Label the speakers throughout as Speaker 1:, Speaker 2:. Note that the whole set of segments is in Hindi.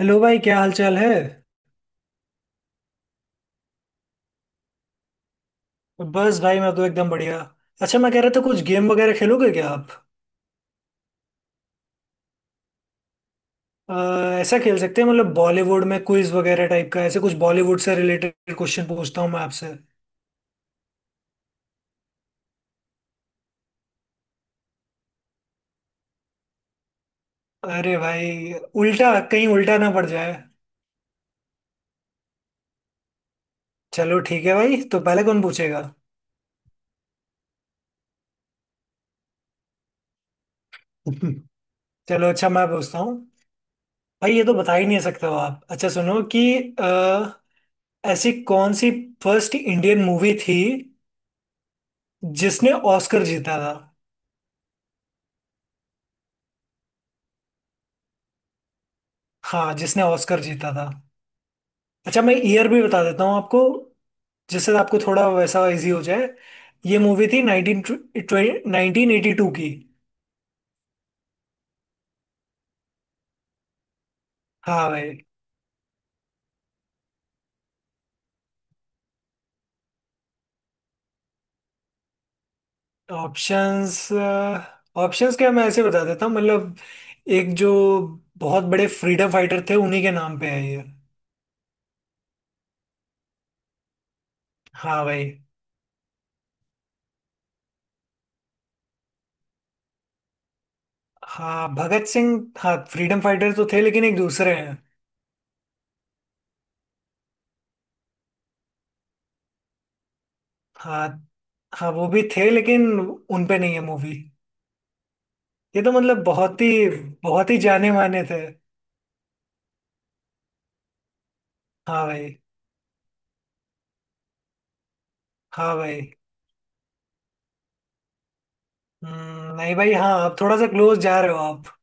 Speaker 1: हेलो भाई, क्या हाल चाल है। बस भाई, मैं तो एकदम बढ़िया। अच्छा, मैं कह रहा था कुछ गेम वगैरह खेलोगे क्या आप। अ, ऐसा खेल सकते हैं, मतलब बॉलीवुड में क्विज वगैरह टाइप का, ऐसे कुछ बॉलीवुड से रिलेटेड क्वेश्चन पूछता हूँ मैं आपसे। अरे भाई, उल्टा कहीं उल्टा ना पड़ जाए। चलो ठीक है भाई, तो पहले कौन पूछेगा। चलो अच्छा, मैं पूछता हूँ। भाई ये तो बता ही नहीं सकते हो आप। अच्छा सुनो कि अ, ऐसी कौन सी फर्स्ट इंडियन मूवी थी जिसने ऑस्कर जीता था। हाँ, जिसने ऑस्कर जीता था। अच्छा, मैं ईयर भी बता देता हूँ आपको जिससे आपको थोड़ा वैसा इजी हो जाए। ये मूवी थी नाइनटीन नाइनटीन एटी टू की। हाँ भाई। ऑप्शंस? ऑप्शंस क्या, मैं ऐसे बता देता हूँ, मतलब एक जो बहुत बड़े फ्रीडम फाइटर थे उन्हीं के नाम पे है ये। हाँ भाई। हाँ, भगत सिंह। हाँ, फ्रीडम फाइटर तो थे लेकिन एक दूसरे हैं। हाँ हाँ, वो भी थे लेकिन उन पे नहीं है मूवी। ये तो मतलब बहुत ही जाने माने थे। हाँ भाई। हाँ भाई। नहीं भाई। हाँ, आप थोड़ा सा क्लोज जा रहे हो आप।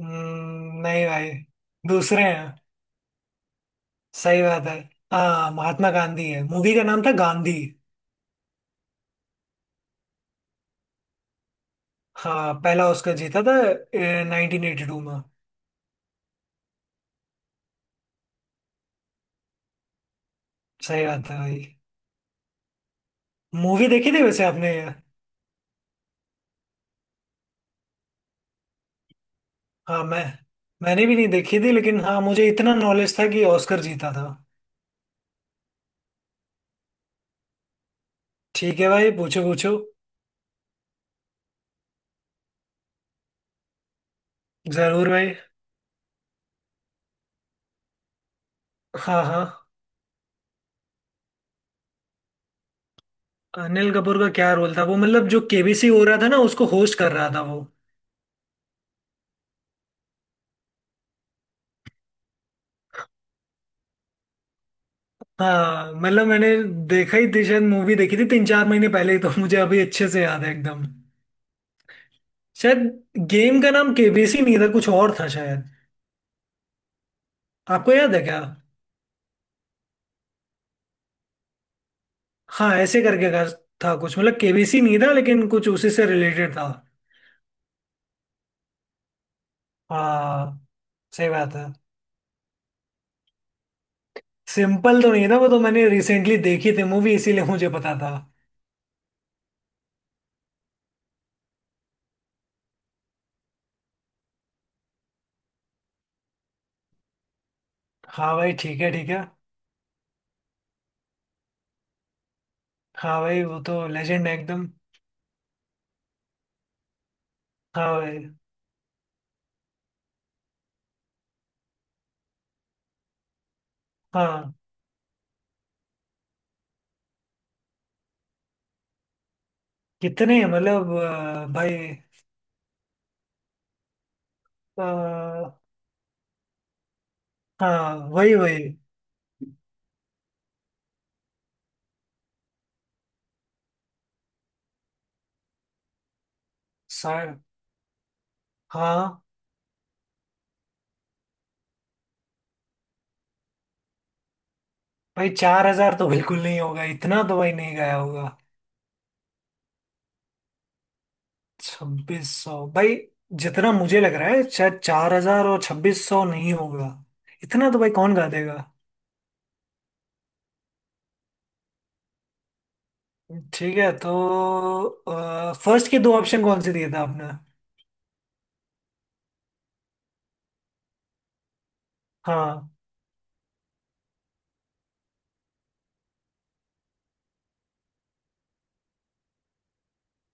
Speaker 1: नहीं भाई, दूसरे हैं। सही बात है। हाँ, महात्मा गांधी है, मूवी का नाम था गांधी। हाँ, पहला ऑस्कर जीता था 1982 में। सही बात है भाई। मूवी देखी थी वैसे आपने। हाँ मैं, मैंने भी नहीं देखी थी लेकिन हाँ, मुझे इतना नॉलेज था कि ऑस्कर जीता था। ठीक है भाई, पूछो पूछो। जरूर भाई। हाँ हाँ। अनिल कपूर का क्या रोल था, वो मतलब जो केबीसी हो रहा था ना, उसको होस्ट कर रहा था वो। हाँ, मतलब मैंने देखा ही थी शायद, मूवी देखी थी तीन चार महीने पहले ही तो मुझे अभी अच्छे से याद है एकदम। शायद गेम का नाम केबीसी नहीं था, कुछ और था शायद। आपको याद है क्या। हाँ, ऐसे करके का था कुछ, मतलब केबीसी नहीं था लेकिन कुछ उसी से रिलेटेड था। हाँ। सही बात है। सिंपल तो नहीं था, वो तो मैंने रिसेंटली देखी थी मूवी इसीलिए मुझे पता था। हाँ भाई, ठीक है ठीक है। हाँ भाई, वो तो लेजेंड है एकदम। हाँ भाई। हाँ। कितने, मतलब भाई, हाँ वही वही। सर। हाँ भाई। 4,000 तो बिल्कुल नहीं होगा, इतना तो भाई नहीं गया होगा। 2,600 भाई, जितना मुझे लग रहा है शायद 4,000 और 2,600 नहीं होगा। इतना तो भाई कौन गा देगा। ठीक है, तो फर्स्ट के दो ऑप्शन कौन से दिए थे आपने। हाँ।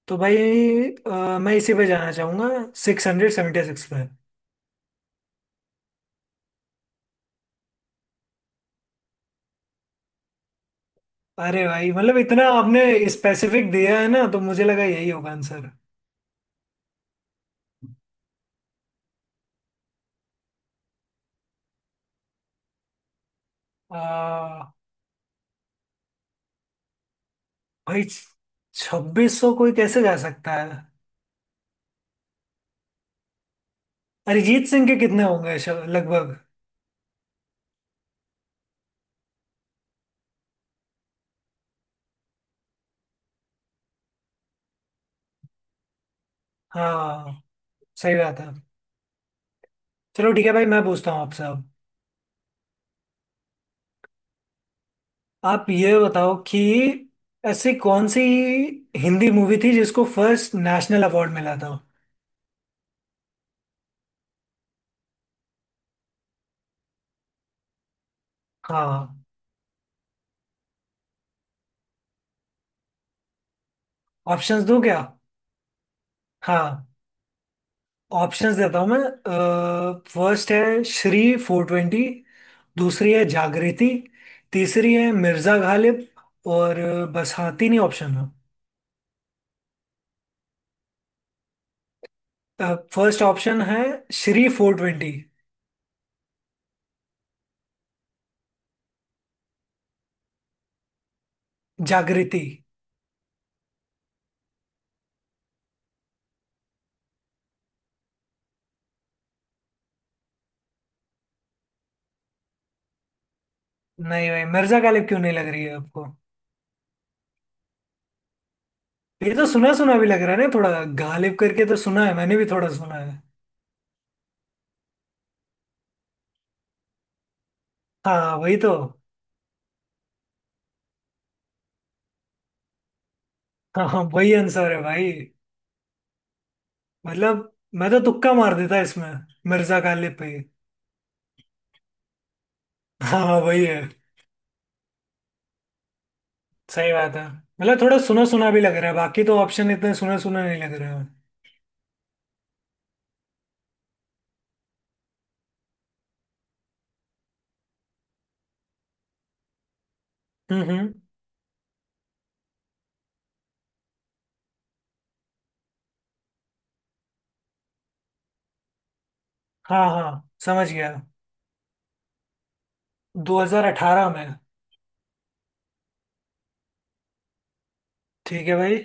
Speaker 1: तो भाई मैं इसी पे जाना चाहूंगा, 676 पे। अरे भाई, मतलब इतना आपने स्पेसिफिक दिया है ना, तो मुझे लगा यही होगा। आंसर। भाई 2,600 कोई कैसे जा सकता है। अरिजीत सिंह के कितने होंगे लगभग। हाँ, सही बात है। चलो ठीक है भाई, मैं पूछता हूँ आपसे अब। आप ये बताओ कि ऐसी कौन सी हिंदी मूवी थी जिसको फर्स्ट नेशनल अवार्ड मिला था। हाँ। ऑप्शंस दो क्या। हाँ, ऑप्शंस देता हूँ मैं। फर्स्ट है श्री 420। दूसरी है जागृति। तीसरी है मिर्जा गालिब। और बस हाँ, तीन ही ऑप्शन। फर्स्ट ऑप्शन है श्री 420। जागृति। नहीं भाई, मिर्जा गालिब क्यों नहीं लग रही है आपको। ये तो सुना सुना भी लग रहा है ना थोड़ा। गालिब करके तो सुना है, मैंने भी थोड़ा सुना है। हाँ वही तो। हाँ हाँ, वही आंसर है भाई। मतलब मैं तो तुक्का मार देता इसमें, मिर्जा गालिब पे। हाँ हाँ, वही है। सही बात है, मतलब थोड़ा सुना सुना भी लग रहा है, बाकी तो ऑप्शन इतने सुना सुना नहीं लग रहे हैं। हम्म। हाँ हाँ, समझ गया। 2018 में। ठीक है भाई।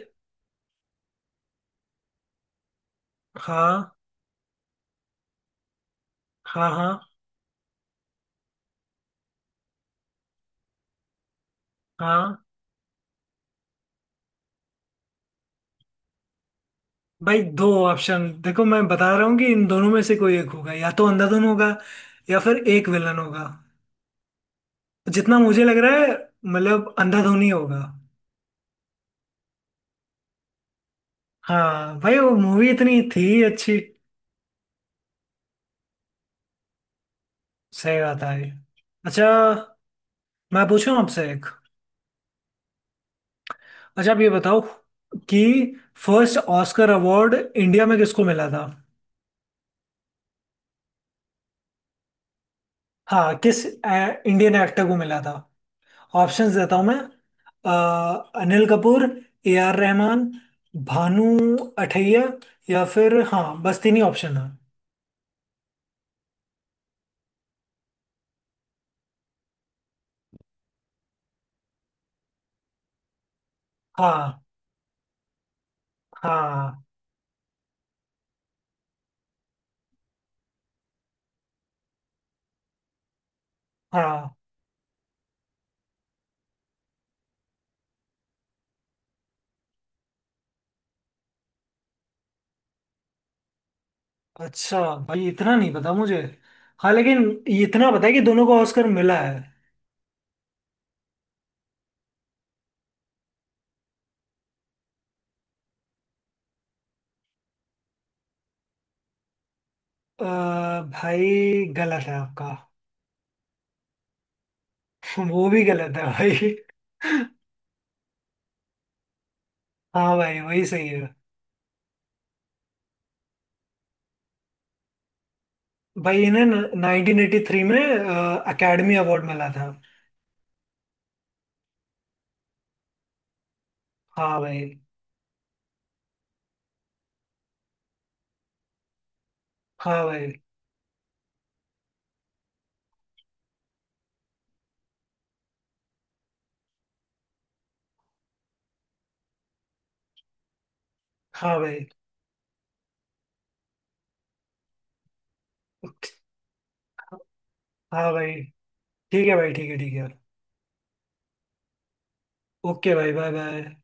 Speaker 1: हाँ हाँ हाँ हाँ। भाई दो ऑप्शन देखो, मैं बता रहा हूँ कि इन दोनों में से कोई एक होगा, या तो अंधाधुन होगा या फिर एक विलन होगा। तो जितना मुझे लग रहा है, मतलब अंधाधुन ही होगा। हाँ भाई, वो मूवी इतनी थी अच्छी। सही बात है। अच्छा, मैं पूछूं आपसे एक। अच्छा, आप ये बताओ कि फर्स्ट ऑस्कर अवार्ड इंडिया में किसको मिला था। हाँ, किस इंडियन एक्टर को मिला था। ऑप्शंस देता हूँ मैं। अनिल कपूर। A R Rahman. भानु अथैया। या फिर हाँ, बस तीन ही ऑप्शन है। हाँ हाँ हाँ। अच्छा भाई, इतना नहीं पता मुझे। हाँ लेकिन ये इतना पता है कि दोनों को ऑस्कर मिला है। अ, भाई गलत है आपका। वो भी गलत है भाई। हाँ भाई, वही सही है। भाई इन्हें 1983 में अकेडमी अवार्ड मिला था। हाँ भाई। हाँ भाई। हाँ भाई। हाँ भाई। ठीक है भाई, ठीक है ठीक है। ओके भाई, बाय बाय।